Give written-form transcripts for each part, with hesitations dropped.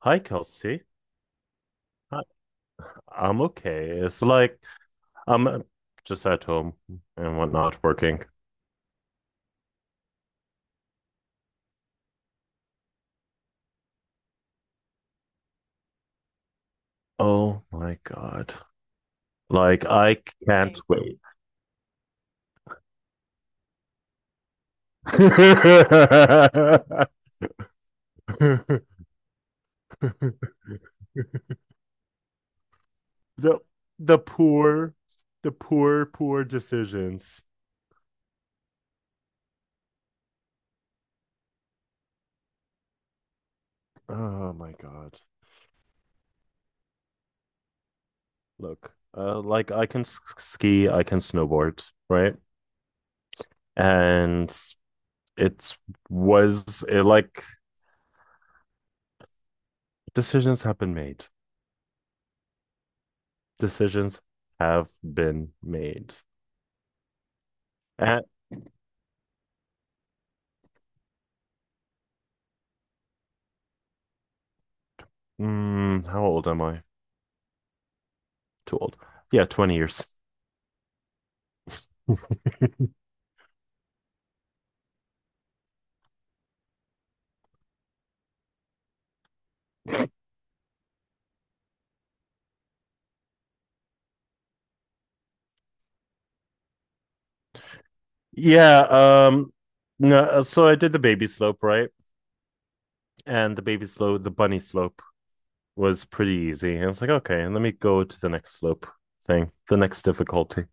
Hi, Kelsey. Hi. I'm okay. It's like I'm just at home and whatnot working. Oh my God. Like I can't wait. The the poor, the poor, poor decisions. Oh my God. Look, like I can ski, I can snowboard, right? And it's was it, like Decisions have been made. Decisions have been made. At how old am I? Too old. Yeah, 20 years. yeah, no, So I did the baby slope, right? And the baby slope, the bunny slope was pretty easy. And I was like, okay, and let me go to the next slope thing, the next difficulty.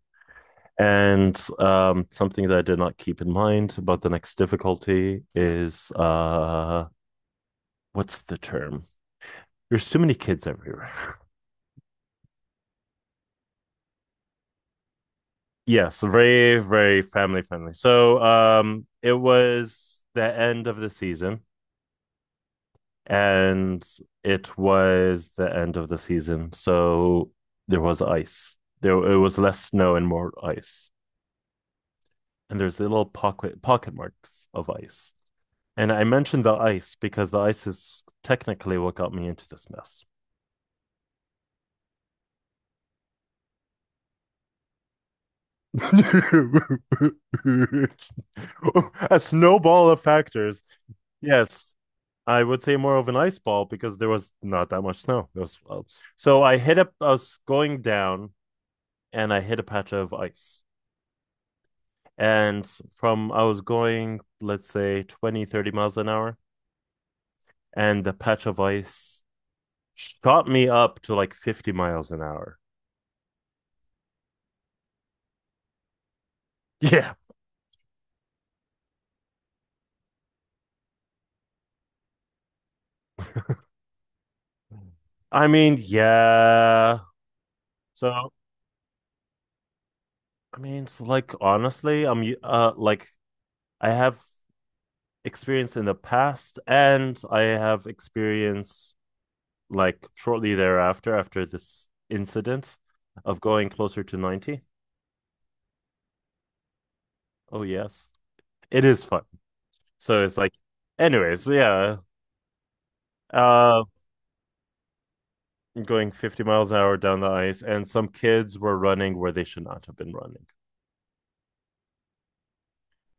And something that I did not keep in mind about the next difficulty is what's the term? There's too many kids everywhere. Yes, very, very family friendly. So, it was the end of the season, and it was the end of the season. So there was ice. There, it was less snow and more ice. And there's little pocket marks of ice. And I mentioned the ice because the ice is technically what got me into this mess. A snowball of factors. Yes, I would say more of an ice ball because there was not that much snow. There was, so I was going down and I hit a patch of ice. And from, I was going, let's say 20, 30 miles an hour. And the patch of ice shot me up to like 50 miles an hour. Yeah. I mean, yeah. So, I mean, it's like, honestly, I have experience in the past and I have experience like shortly thereafter, after this incident of going closer to 90. Oh, yes, it is fun. So it's like, anyways, yeah, uh, going 50 miles an hour down the ice, and some kids were running where they should not have been running.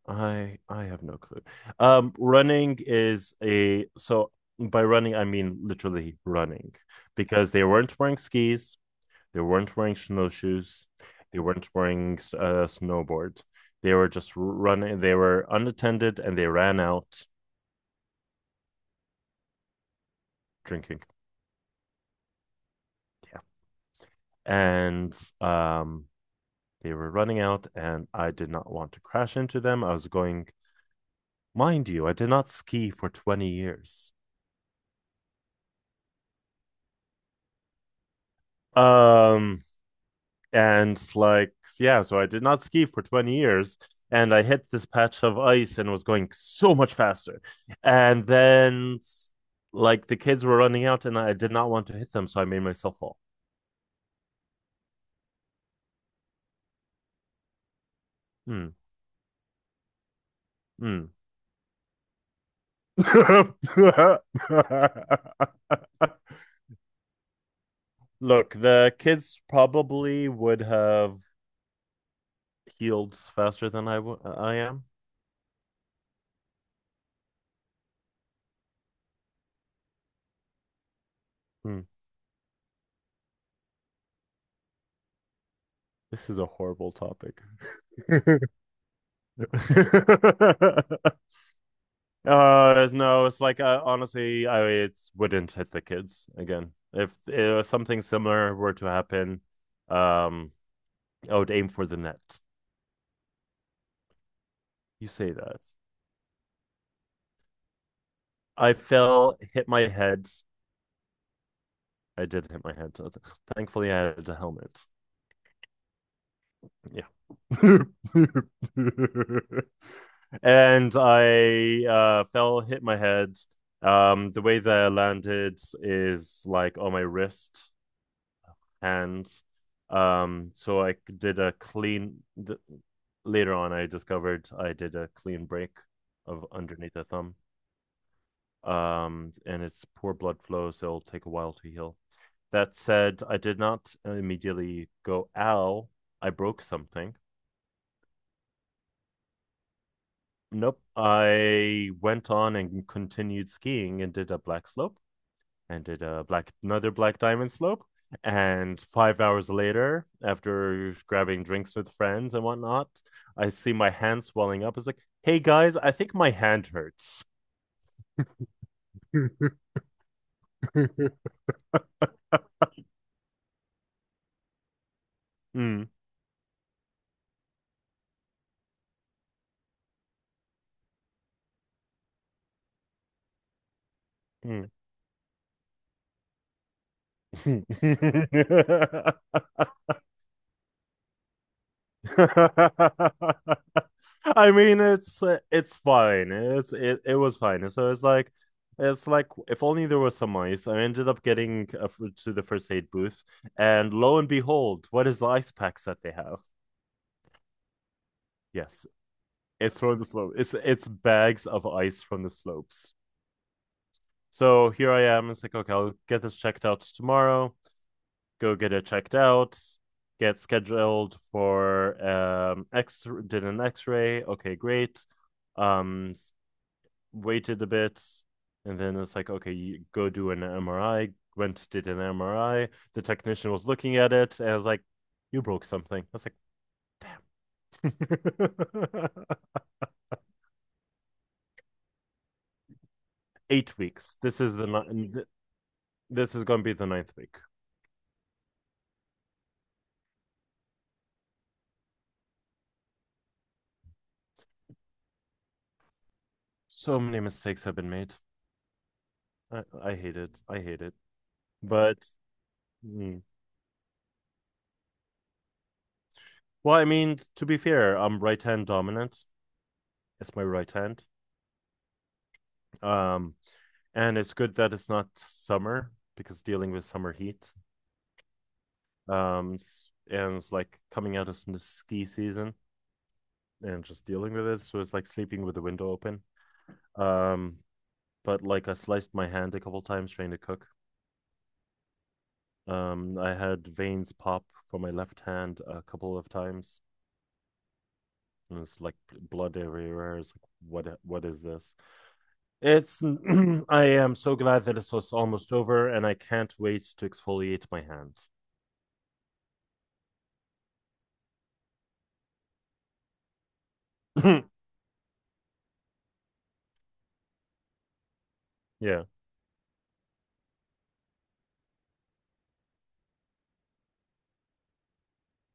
I have no clue. Running is a so By running I mean literally running because they weren't wearing skis. They weren't wearing snowshoes. They weren't wearing snowboards. They were just running. They were unattended and they ran out drinking. Yeah. And um, they were running out, and I did not want to crash into them. I was going, mind you, I did not ski for 20 years. Um, and like yeah so I did not ski for 20 years and I hit this patch of ice and was going so much faster and then like the kids were running out and I did not want to hit them so I made myself fall. Hmm. Hmm. Look, the kids probably would have healed faster than I am. Hmm. This is a horrible topic. No, it's like honestly, I it wouldn't hit the kids again. If something similar were to happen, um, I would aim for the net. You say that. I fell, hit my head. I did hit my head. Thankfully, I had a helmet. Yeah. And I fell, hit my head. The way that I landed is like on my wrist, hands. So I did a clean. Th- Later on, I discovered I did a clean break of underneath the thumb. And it's poor blood flow, so it'll take a while to heal. That said, I did not immediately go, ow, I broke something. Nope. I went on and continued skiing and did a black diamond slope. And 5 hours later, after grabbing drinks with friends and whatnot, I see my hand swelling up. It's like, hey guys, I think my hand hurts. Mm, mm. I mean, it's fine. It was fine. It's like if only there was some ice. I ended up getting to the first aid booth, and lo and behold, what is the ice packs that they have? Yes, it's from the slope. It's bags of ice from the slopes. So here I am. It's like okay, I'll get this checked out tomorrow. Go get it checked out, get scheduled for X did an X-ray. Okay, great. Um, Waited a bit, and then it's like, okay, you go do an MRI. Went Did an MRI. The technician was looking at it, and I was like, "You broke something." I was like, 8 weeks. This is gonna be the ninth week. So many mistakes have been made. I hate it. I hate it. But mm, Well, I mean, to be fair, I'm right hand dominant. It's my right hand. Um, and it's good that it's not summer because dealing with summer heat. Um, and it's like coming out of the ski season and just dealing with it. So it's like sleeping with the window open. Um, but like I sliced my hand a couple times trying to cook. I had veins pop from my left hand a couple of times, and it's like blood everywhere. It's like, what is this? It's. I am so glad that it's just almost over, and I can't wait to exfoliate my hand. Yeah.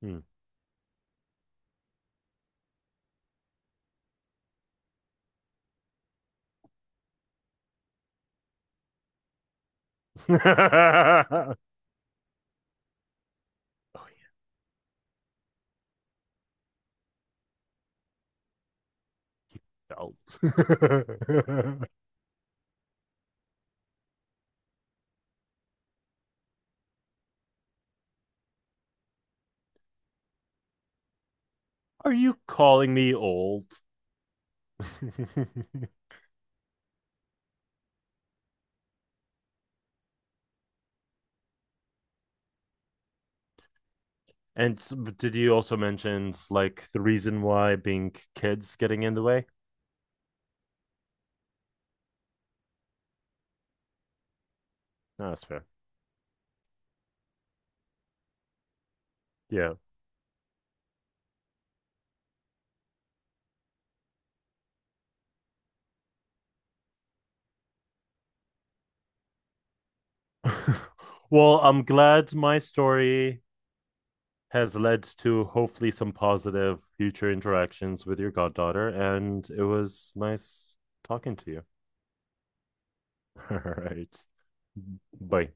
Mm. Oh, you're old. Are you calling me old? And did you also mention like the reason why being kids getting in the way? No, that's fair. Yeah. Well, I'm glad my story has led to hopefully some positive future interactions with your goddaughter. And it was nice talking to you. All right. Bye.